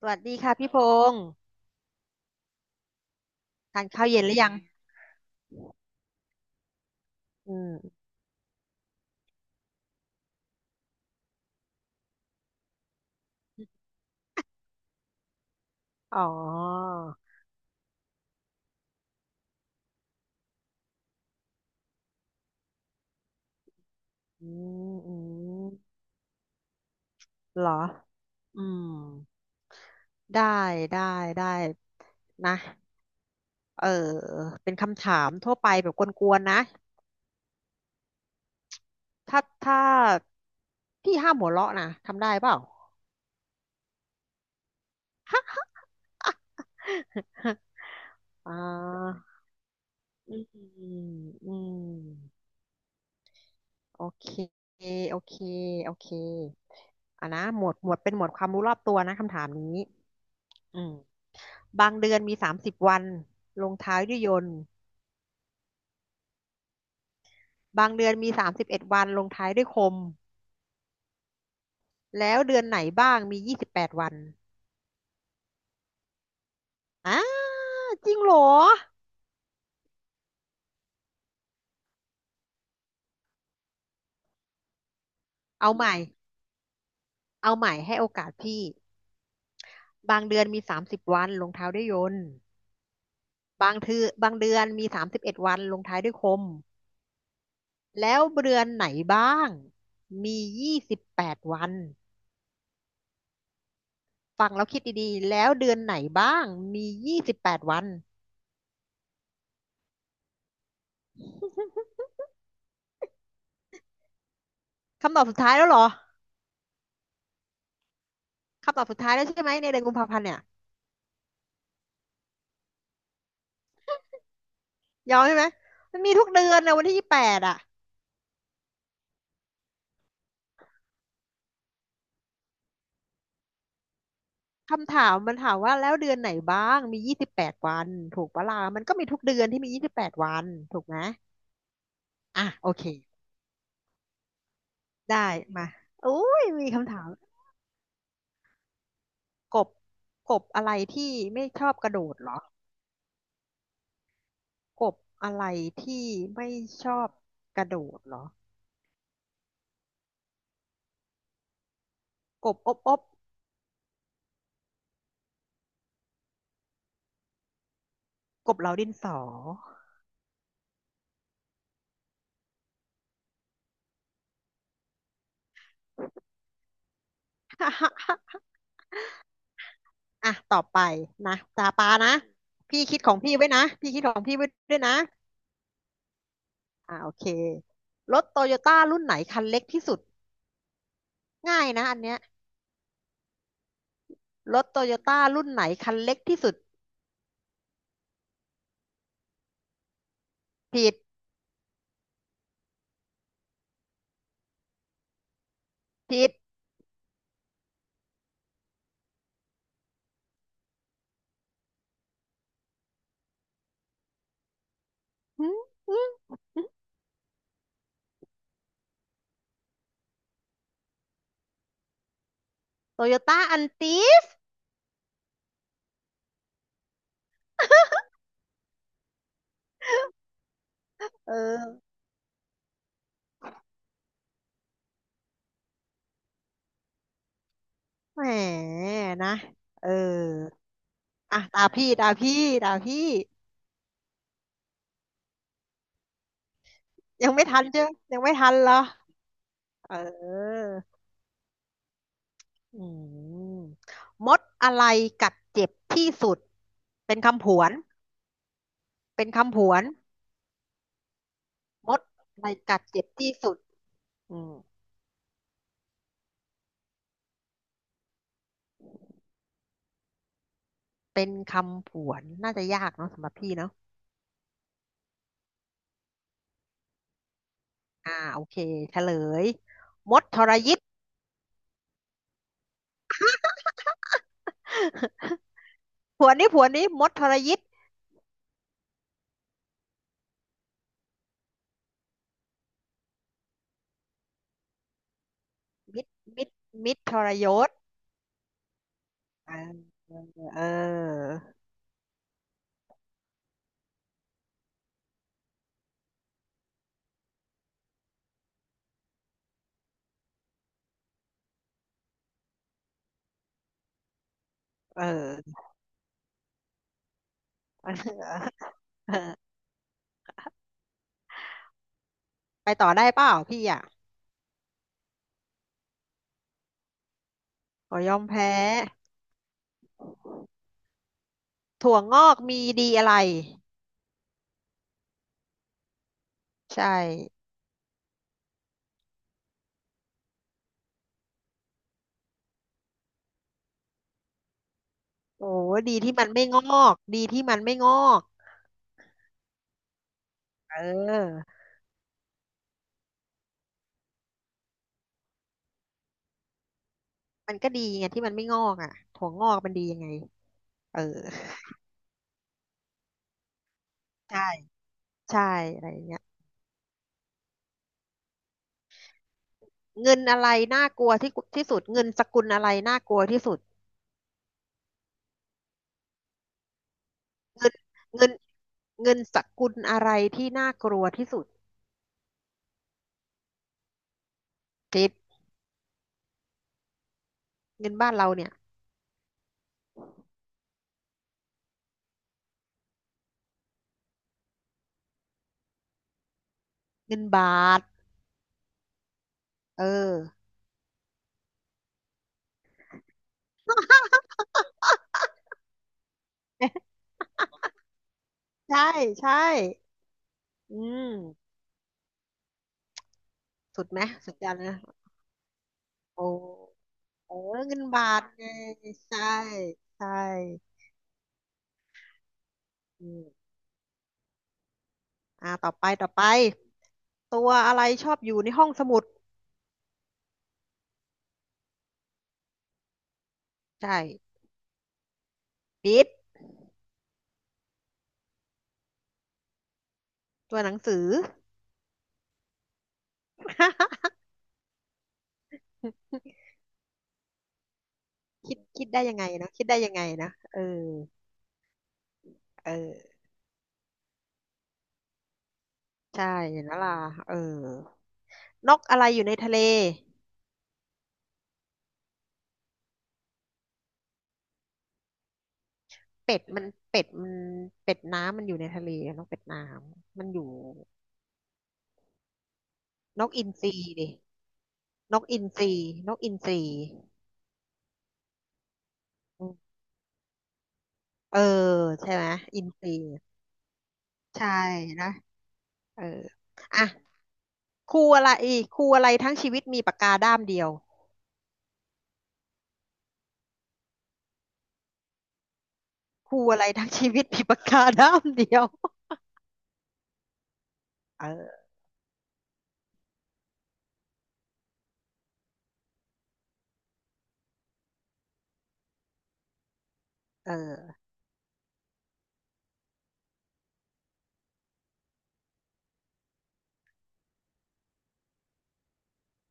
สวัสดีค่ะพี่พงษ์ทานข้าวเย็นหรือยังอืมอ๋ออืมอืมเหรออืมได้ได้ได้นะเออเป็นคำถามทั่วไปแบบกวนๆนะถ้าพี่ห้ามหัวเราะนะทำได้เปล่า อ่าอืมอืมโอเคโอเคโอเคอ่ะนะหมวดเป็นหมวดความรู้รอบตัวนะคำถามนี้อืม บางเดือนมีสามสิบวันลงท้ายด้วยยนต์บางเดือนมีสามสิบเอ็ดวันลงท้ายด้วยคม แล้วเดือนไหนบ้างมียี่สิบแปดวันอ้าจริงเหรอเอาใหม่เอาใหม่ให้โอกาสพี่บางเดือนมีสามสิบวันลงท้ายด้วยยนต์บางเดือนมีสามสิบเอ็ดวันลงท้ายด้วยคมแล้วเดือนไหนบ้างมียี่สิบแปดวันฟังแล้วคิดดีๆแล้วเดือนไหนบ้างมียี่สิบแปดวัน คำตอบสุดท้ายแล้วเหรอ คำตอบสุดท้ายแล้วใช่ไหมในเดือนกุมภาพันธ์เนี่ยยอมใช่ไหมมันมีทุกเดือนนะวันที่ยี่สิบแปดอะคำถามมันถามว่าแล้วเดือนไหนบ้างมียี่สิบแปดวันถูกปะล่ะมันก็มีทุกเดือนที่มียี่สิบแปดวันถูกไหมอ่ะโอเคได้มาอุ้ยมีคำถามกบกบอะไรที่ไม่ชอบกระโดดเหรอกบอะไรที่ไม่ชอบกระโดดเหรอกบอบอบกบเหลาดินสอ อ่ะต่อไปนะตาปานะพี่คิดของพี่ไว้นะพี่คิดของพี่ไว้ด้วยนะอ่าโอเครถโตโยต้ารุ่นไหนคันเล็กที่สุด ง่ายนะอันเนี้ยรถโตโยต้ารุ่นไหนคันเล็กที่สุดผิดผิดโตโยต้าอันติดเออแหมนะเอออ่ะตาพี่ตาพี่ยังไม่ทันเจ้ไยังไม่ทันเหรอเอออืมมดอะไรกัดเจ็บที่สุดเป็นคำผวน เป็นคำผวนมดในกัดเจ็บที่สุดอืมเป็นคำผวนน่าจะยากเนาะสำหรับพี่เนาะอ่าโอเคเฉลยมดทรยิต ผวนนี้มดทรยิตมิตรมิตรมิตรทรยศอ่าเออเออเออไปต่อได้เปล่าพี่อ่ะขอยอมแพ้ถั่วงอกมีดีอะไรใช่โอ้ดีที่มันไม่งอกดีที่มันไม่งอกเออ มันก็ดีไงที่มันไม่งอกอ่ะถั่วงอกมันดียังไงเออ ใช่ใช่อะไรอย่างเงี้ยเงินอะไรน่ากลัวที่สุดเงินสกุลอะไรน่ากลัวที่สุดเงินเงินเงินสกุลอะไรที่น่ากลัวที่สุดคิดเงินบ้านเราเนี่ยเงินบาทเออ ใช่ใช่อืมสุดไหมสุดยอดนะโอ้โอ้เงินบาทไงใช่ใช่อืมอ่าต่อไปตัวอะไรชอบอยู่ในห้องสมุดใช่ ปิดตัวหนังสือ คิดได้ยังไงนะคิดได้ยังไงนะเออเออใช่เห็นแลวล่ะเออนกอะไรอยู่ในทะเลเป็ดมันเป็ดมันเป็ดน้ำมันอยู่ในทะเลอะนกเป็ดน้ำมันอยู่นกอินทรีดินกอินทรีนกอินทรีอืมเออใช่ไหมอินทรีใช่นะเอออ่ะครูอะไรครูอะไรทั้งชีวิตมีปากกาด้ามเดียวครูอะไรทั้งชีวิตมีปากกาด้ามเดียวเออเออ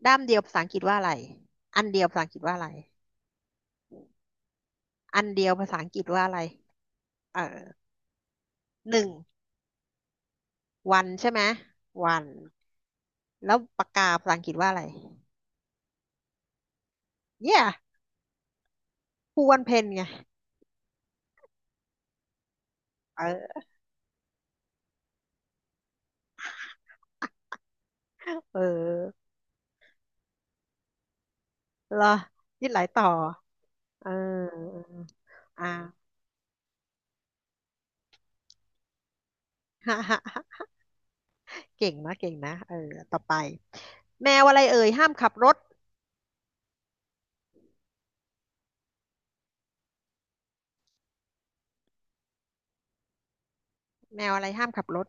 ด้ามเดียวภาษาอังกฤษว่าอะไรอันเดียวภาษาอังกฤษว่าอะไรอันเดียวภาษาอังกฤษว่าอะไรเออหนึ่งวันใช่ไหมวันแล้วปากกาภาษาอังกฤษว่าอะไรเย a คูวันเพนไงเออเออหรอยึดหลายต่อเอออ่าฮ่าฮ่าเก่งนะเก่งนะเออต่อไปแมวอะไรเอ่ยห้ามขับรถแมวอะไรห้ามขับรถ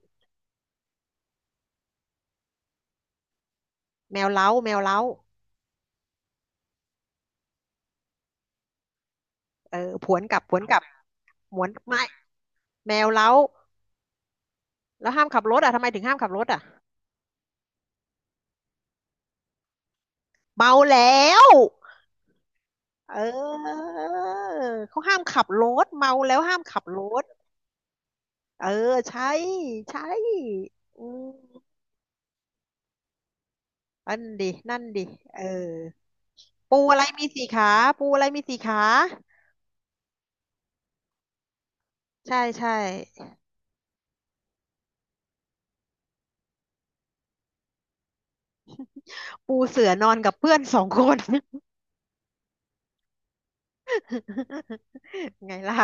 แมวเล้าเออผวนกลับหมวนไม่แมวเล้าแล้วห้ามขับรถอ่ะทำไมถึงห้ามขับรถอ่ะ เมาแล้วเออเขาห้ามขับรถเมาแล้วห้ามขับรถเออใช่ใช่อืมนั่นดิเออปูอะไรมีสี่ขาปูอะไรมีสี่ขาใช่ใช่ปูเสือนอนกับเพื่อนสองคน ไงล่ะ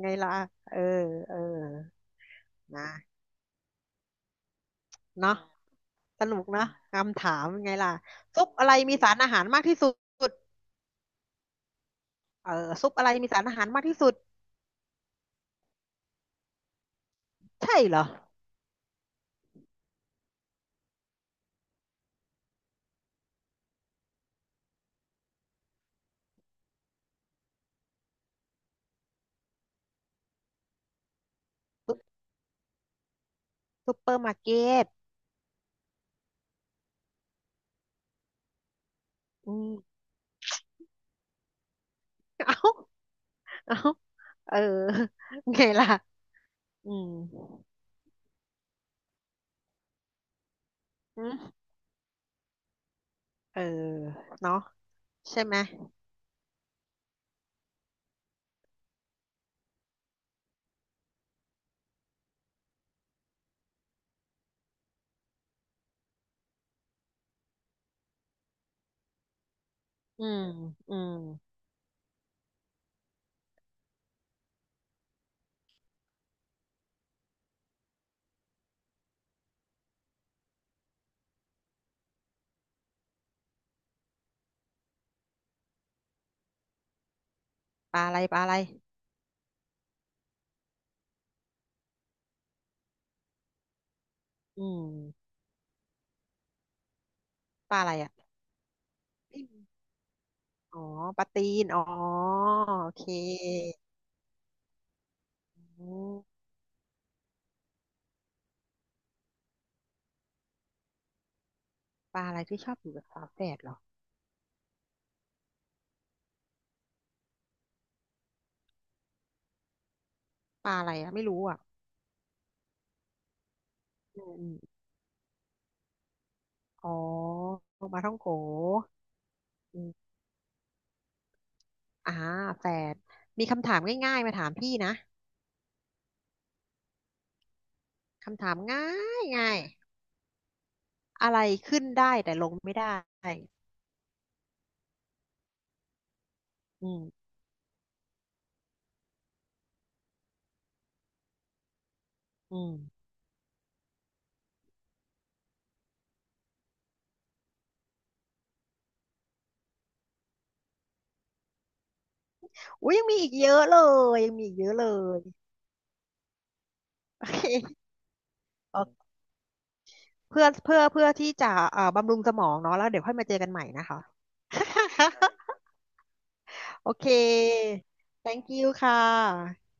ไงล่ะเออเออนะเนาะสนุกเนาะคำถามไงล่ะซุปอะไรมีสารอาหารมากที่สุดเออซุปอะไรมีสารอาหารมากที่สุด ใช่เหรอซุปซุปเปอร์มาร์เก็ตอืม เอ้าเอ้าเออ ไงล่ะอืมอืมเออเนาะใช่ไหมอืมอืมปลาอะไรอืมปลาอะไรอ่ะอืมอ๋อปลาตีนอ๋อโอเคอืมปลาอะไรที่ชอบอยู่กับฝาแฝดเหรอปลาอะไรอ่ะไม่รู้อ่ะอืมอมอ๋อปลาท่องโกอืมอ่าแฝดมีคำถามง่ายๆมาถามพี่นะ คำถามง่ายง่ายอะไรขึ้นได้แต่ลงไม่ได้อืมอืมอุ้ยยังมีอีกเยอะเลยยังมีอีกเยอะเลยโอเคเออเพื่อที่จะบำรุงสมองเนาะแล้วเดี๋ยวค่อยมาเจอกันใหม่นะคะ โอเค thank you ค่ะ